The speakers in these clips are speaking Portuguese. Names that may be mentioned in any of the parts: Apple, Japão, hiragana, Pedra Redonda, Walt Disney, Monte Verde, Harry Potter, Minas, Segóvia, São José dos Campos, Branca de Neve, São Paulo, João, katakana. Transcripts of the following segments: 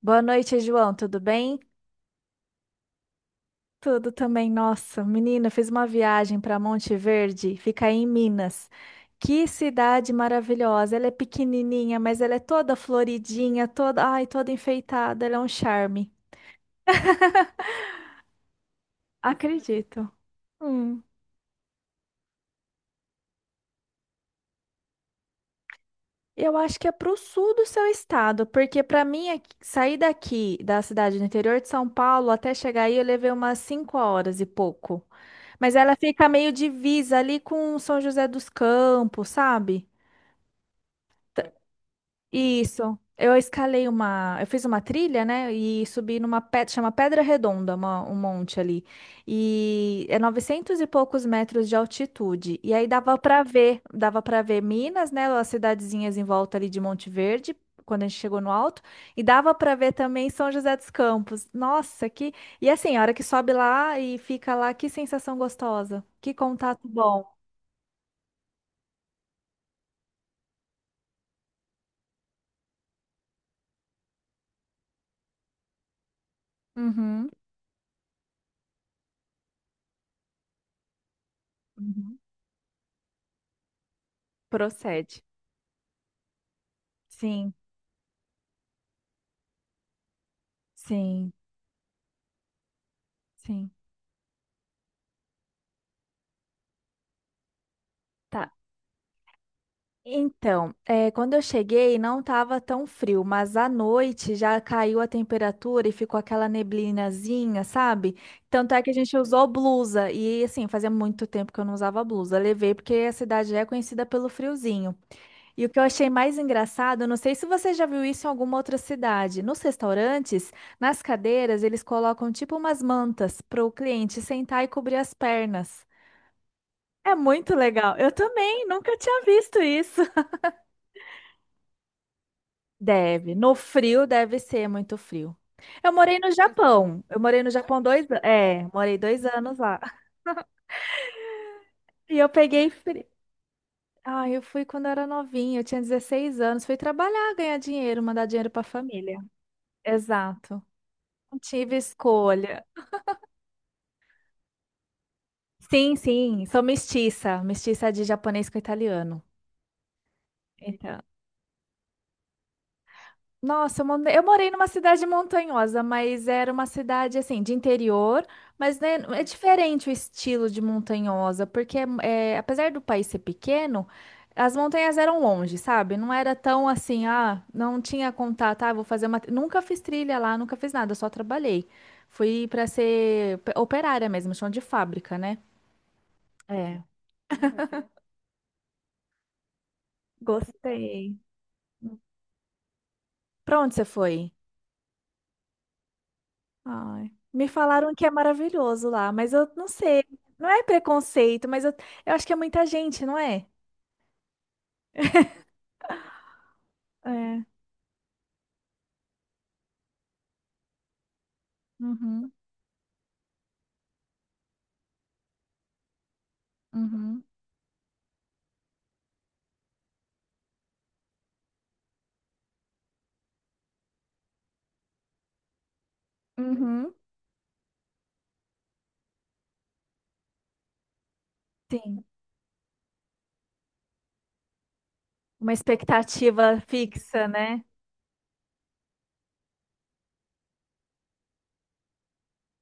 Boa noite, João. Tudo bem? Tudo também. Nossa, menina, fiz uma viagem para Monte Verde, fica aí em Minas. Que cidade maravilhosa! Ela é pequenininha, mas ela é toda floridinha, toda, ai, toda enfeitada. Ela é um charme. Acredito. Hum. Eu acho que é pro sul do seu estado, porque para mim sair daqui da cidade do interior de São Paulo até chegar aí eu levei umas 5 horas e pouco. Mas ela fica meio divisa ali com São José dos Campos, sabe? T- Isso. Eu escalei uma. Eu fiz uma trilha, né? E subi numa pedra, chama Pedra Redonda, um monte ali. E é 900 e poucos metros de altitude. E aí dava pra ver, dava para ver Minas, né? As cidadezinhas em volta ali de Monte Verde, quando a gente chegou no alto. E dava pra ver também São José dos Campos. Nossa, que. E assim, a hora que sobe lá e fica lá, que sensação gostosa. Que contato bom. Uhum. Uhum. Procede. Sim, sim. Sim. Tá. Então, é, quando eu cheguei, não estava tão frio, mas à noite já caiu a temperatura e ficou aquela neblinazinha, sabe? Tanto é que a gente usou blusa. E assim, fazia muito tempo que eu não usava blusa. Levei porque a cidade é conhecida pelo friozinho. E o que eu achei mais engraçado, não sei se você já viu isso em alguma outra cidade. Nos restaurantes, nas cadeiras, eles colocam tipo umas mantas para o cliente sentar e cobrir as pernas. É muito legal. Eu também nunca tinha visto isso. Deve. No frio deve ser muito frio. Eu morei no Japão. Eu morei no Japão 2 anos. É, morei 2 anos lá. E eu peguei frio. Ah, eu fui quando eu era novinha, eu tinha 16 anos. Fui trabalhar, ganhar dinheiro, mandar dinheiro pra família. Exato. Não tive escolha. Sim, sim, sou mestiça. Mestiça de japonês com italiano. Então, eu morei numa cidade montanhosa, mas era uma cidade assim de interior, mas né, é diferente o estilo de montanhosa, porque é, apesar do país ser pequeno, as montanhas eram longe, sabe? Não era tão assim, ah, não tinha contato, ah, vou fazer uma. Nunca fiz trilha lá, nunca fiz nada, só trabalhei. Fui para ser operária mesmo, chão de fábrica, né? É, gostei. Pra onde você foi? Ai, me falaram que é maravilhoso lá, mas eu não sei. Não é preconceito, mas eu acho que é muita gente, não é? É. Uhum, uhum, uhum. Sim. Uma expectativa fixa, né?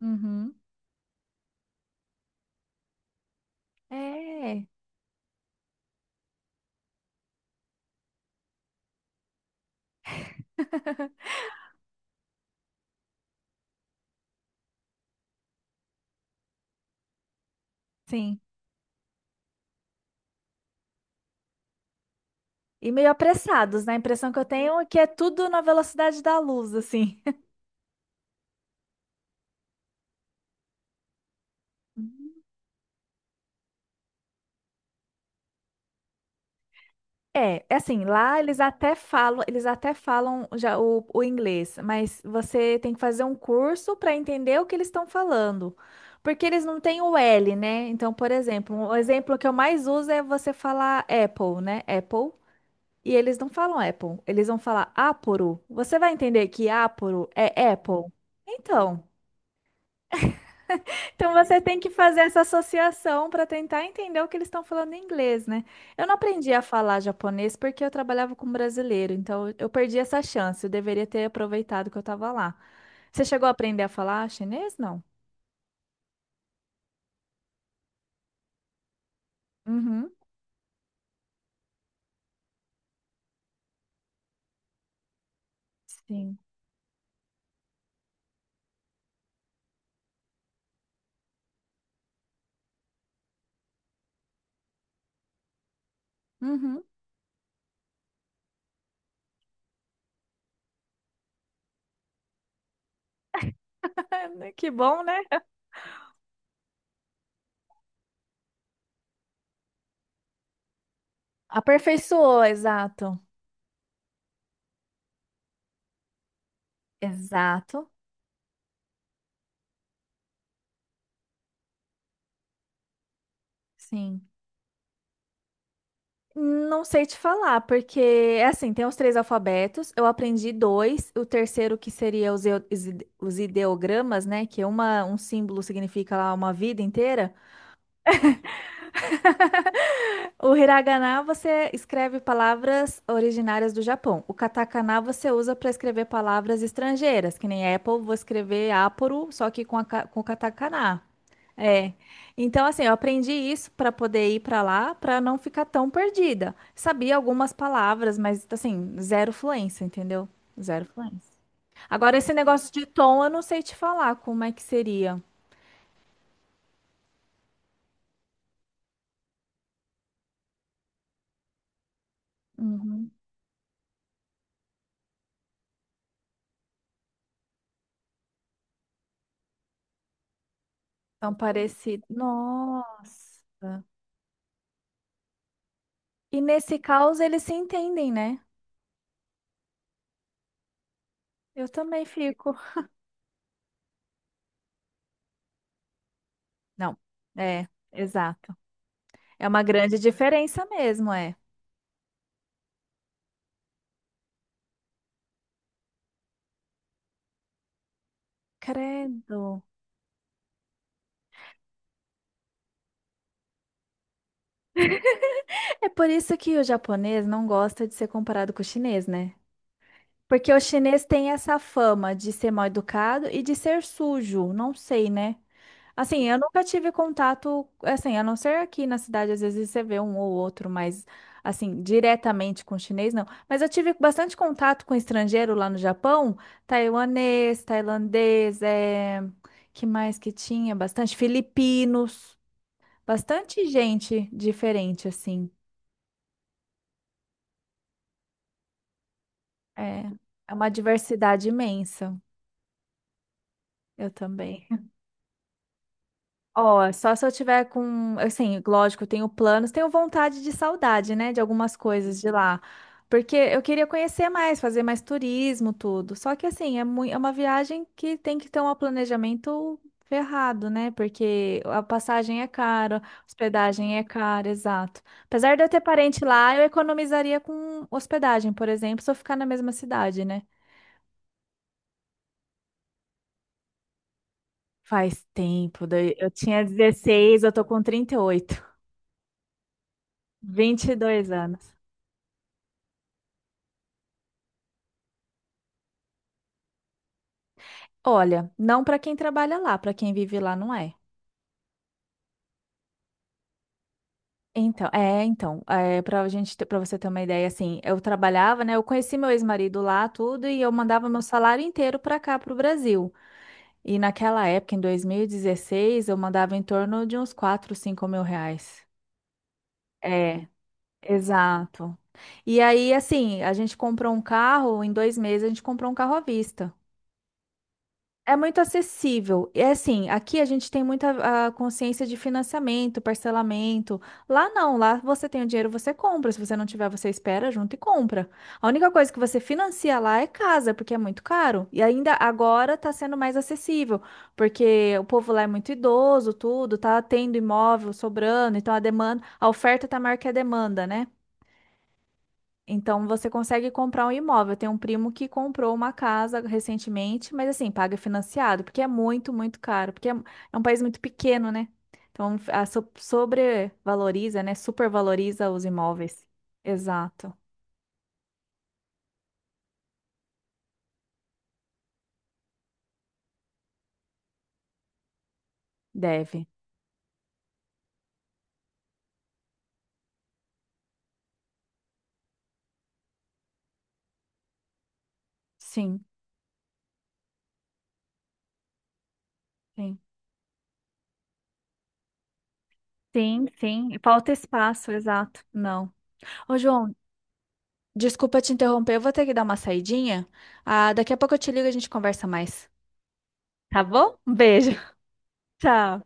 Uhum. É, sim. E meio apressados, né? A impressão que eu tenho é que é tudo na velocidade da luz, assim. É, é assim, lá eles até falam já o inglês, mas você tem que fazer um curso para entender o que eles estão falando. Porque eles não têm o L, né? Então, por exemplo, um exemplo que eu mais uso é você falar Apple, né? Apple. E eles não falam Apple, eles vão falar Apple. Você vai entender que Apple é Apple? Então. Então você tem que fazer essa associação para tentar entender o que eles estão falando em inglês, né? Eu não aprendi a falar japonês porque eu trabalhava com brasileiro, então eu perdi essa chance. Eu deveria ter aproveitado que eu estava lá. Você chegou a aprender a falar chinês? Não. Uhum. Sim. Uhum. Que bom, né? Aperfeiçoou, exato. Exato. Sim. Não sei te falar, porque é assim, tem os três alfabetos, eu aprendi dois, o terceiro que seria os ideogramas, né, que é uma, um símbolo significa lá uma vida inteira. O hiragana você escreve palavras originárias do Japão. O katakana você usa para escrever palavras estrangeiras, que nem Apple, vou escrever Apple, só que com o katakana. É. Então, assim, eu aprendi isso para poder ir para lá, para não ficar tão perdida. Sabia algumas palavras, mas, assim, zero fluência, entendeu? Zero fluência. Agora, esse negócio de tom, eu não sei te falar como é que seria. Uhum. Tão parecido. Nossa. E nesse caos, eles se entendem, né? Eu também fico. Não. É, exato. É uma grande diferença mesmo, é. Credo. É por isso que o japonês não gosta de ser comparado com o chinês, né? Porque o chinês tem essa fama de ser mal educado e de ser sujo, não sei, né? Assim, eu nunca tive contato, assim, a não ser aqui na cidade, às vezes você vê um ou outro, mas assim, diretamente com chinês, não. Mas eu tive bastante contato com estrangeiro lá no Japão, taiwanês, tailandês, é... que mais que tinha? Bastante filipinos, bastante gente diferente, assim. É, é uma diversidade imensa. Eu também. Ó, só se eu tiver com, assim, lógico, eu tenho planos, tenho vontade de saudade, né, de algumas coisas de lá, porque eu queria conhecer mais, fazer mais turismo, tudo. Só que assim, é muito, é uma viagem que tem que ter um planejamento ferrado, né? Porque a passagem é cara, a hospedagem é cara, exato. Apesar de eu ter parente lá, eu economizaria com hospedagem, por exemplo, se eu ficar na mesma cidade, né? Faz tempo, daí- eu tinha 16, eu tô com 38 22 anos. Olha, não para quem trabalha lá, para quem vive lá não é. Então, é, então, é, para gente, para você ter uma ideia, assim, eu trabalhava, né? Eu conheci meu ex-marido lá, tudo, e eu mandava meu salário inteiro para cá, para o Brasil. E naquela época, em 2016, eu mandava em torno de uns 4, 5 mil reais. É, exato. E aí, assim, a gente comprou um carro, em 2 meses a gente comprou um carro à vista. É muito acessível. É assim, aqui a gente tem muita a consciência de financiamento, parcelamento. Lá não, lá você tem o dinheiro, você compra. Se você não tiver, você espera junto e compra. A única coisa que você financia lá é casa, porque é muito caro. E ainda agora tá sendo mais acessível, porque o povo lá é muito idoso, tudo, tá tendo imóvel sobrando, então a demanda, a oferta tá maior que a demanda, né? Então você consegue comprar um imóvel. Tem um primo que comprou uma casa recentemente, mas assim, paga financiado, porque é muito, muito caro, porque é um país muito pequeno, né? Então a sobrevaloriza, né? Supervaloriza os imóveis. Exato. Deve. Sim, sim. Sim, sim. E falta espaço, exato. Não. Ô, João, desculpa te interromper, eu vou ter que dar uma saidinha. Ah, daqui a pouco eu te ligo e a gente conversa mais. Tá bom? Um beijo. Tchau.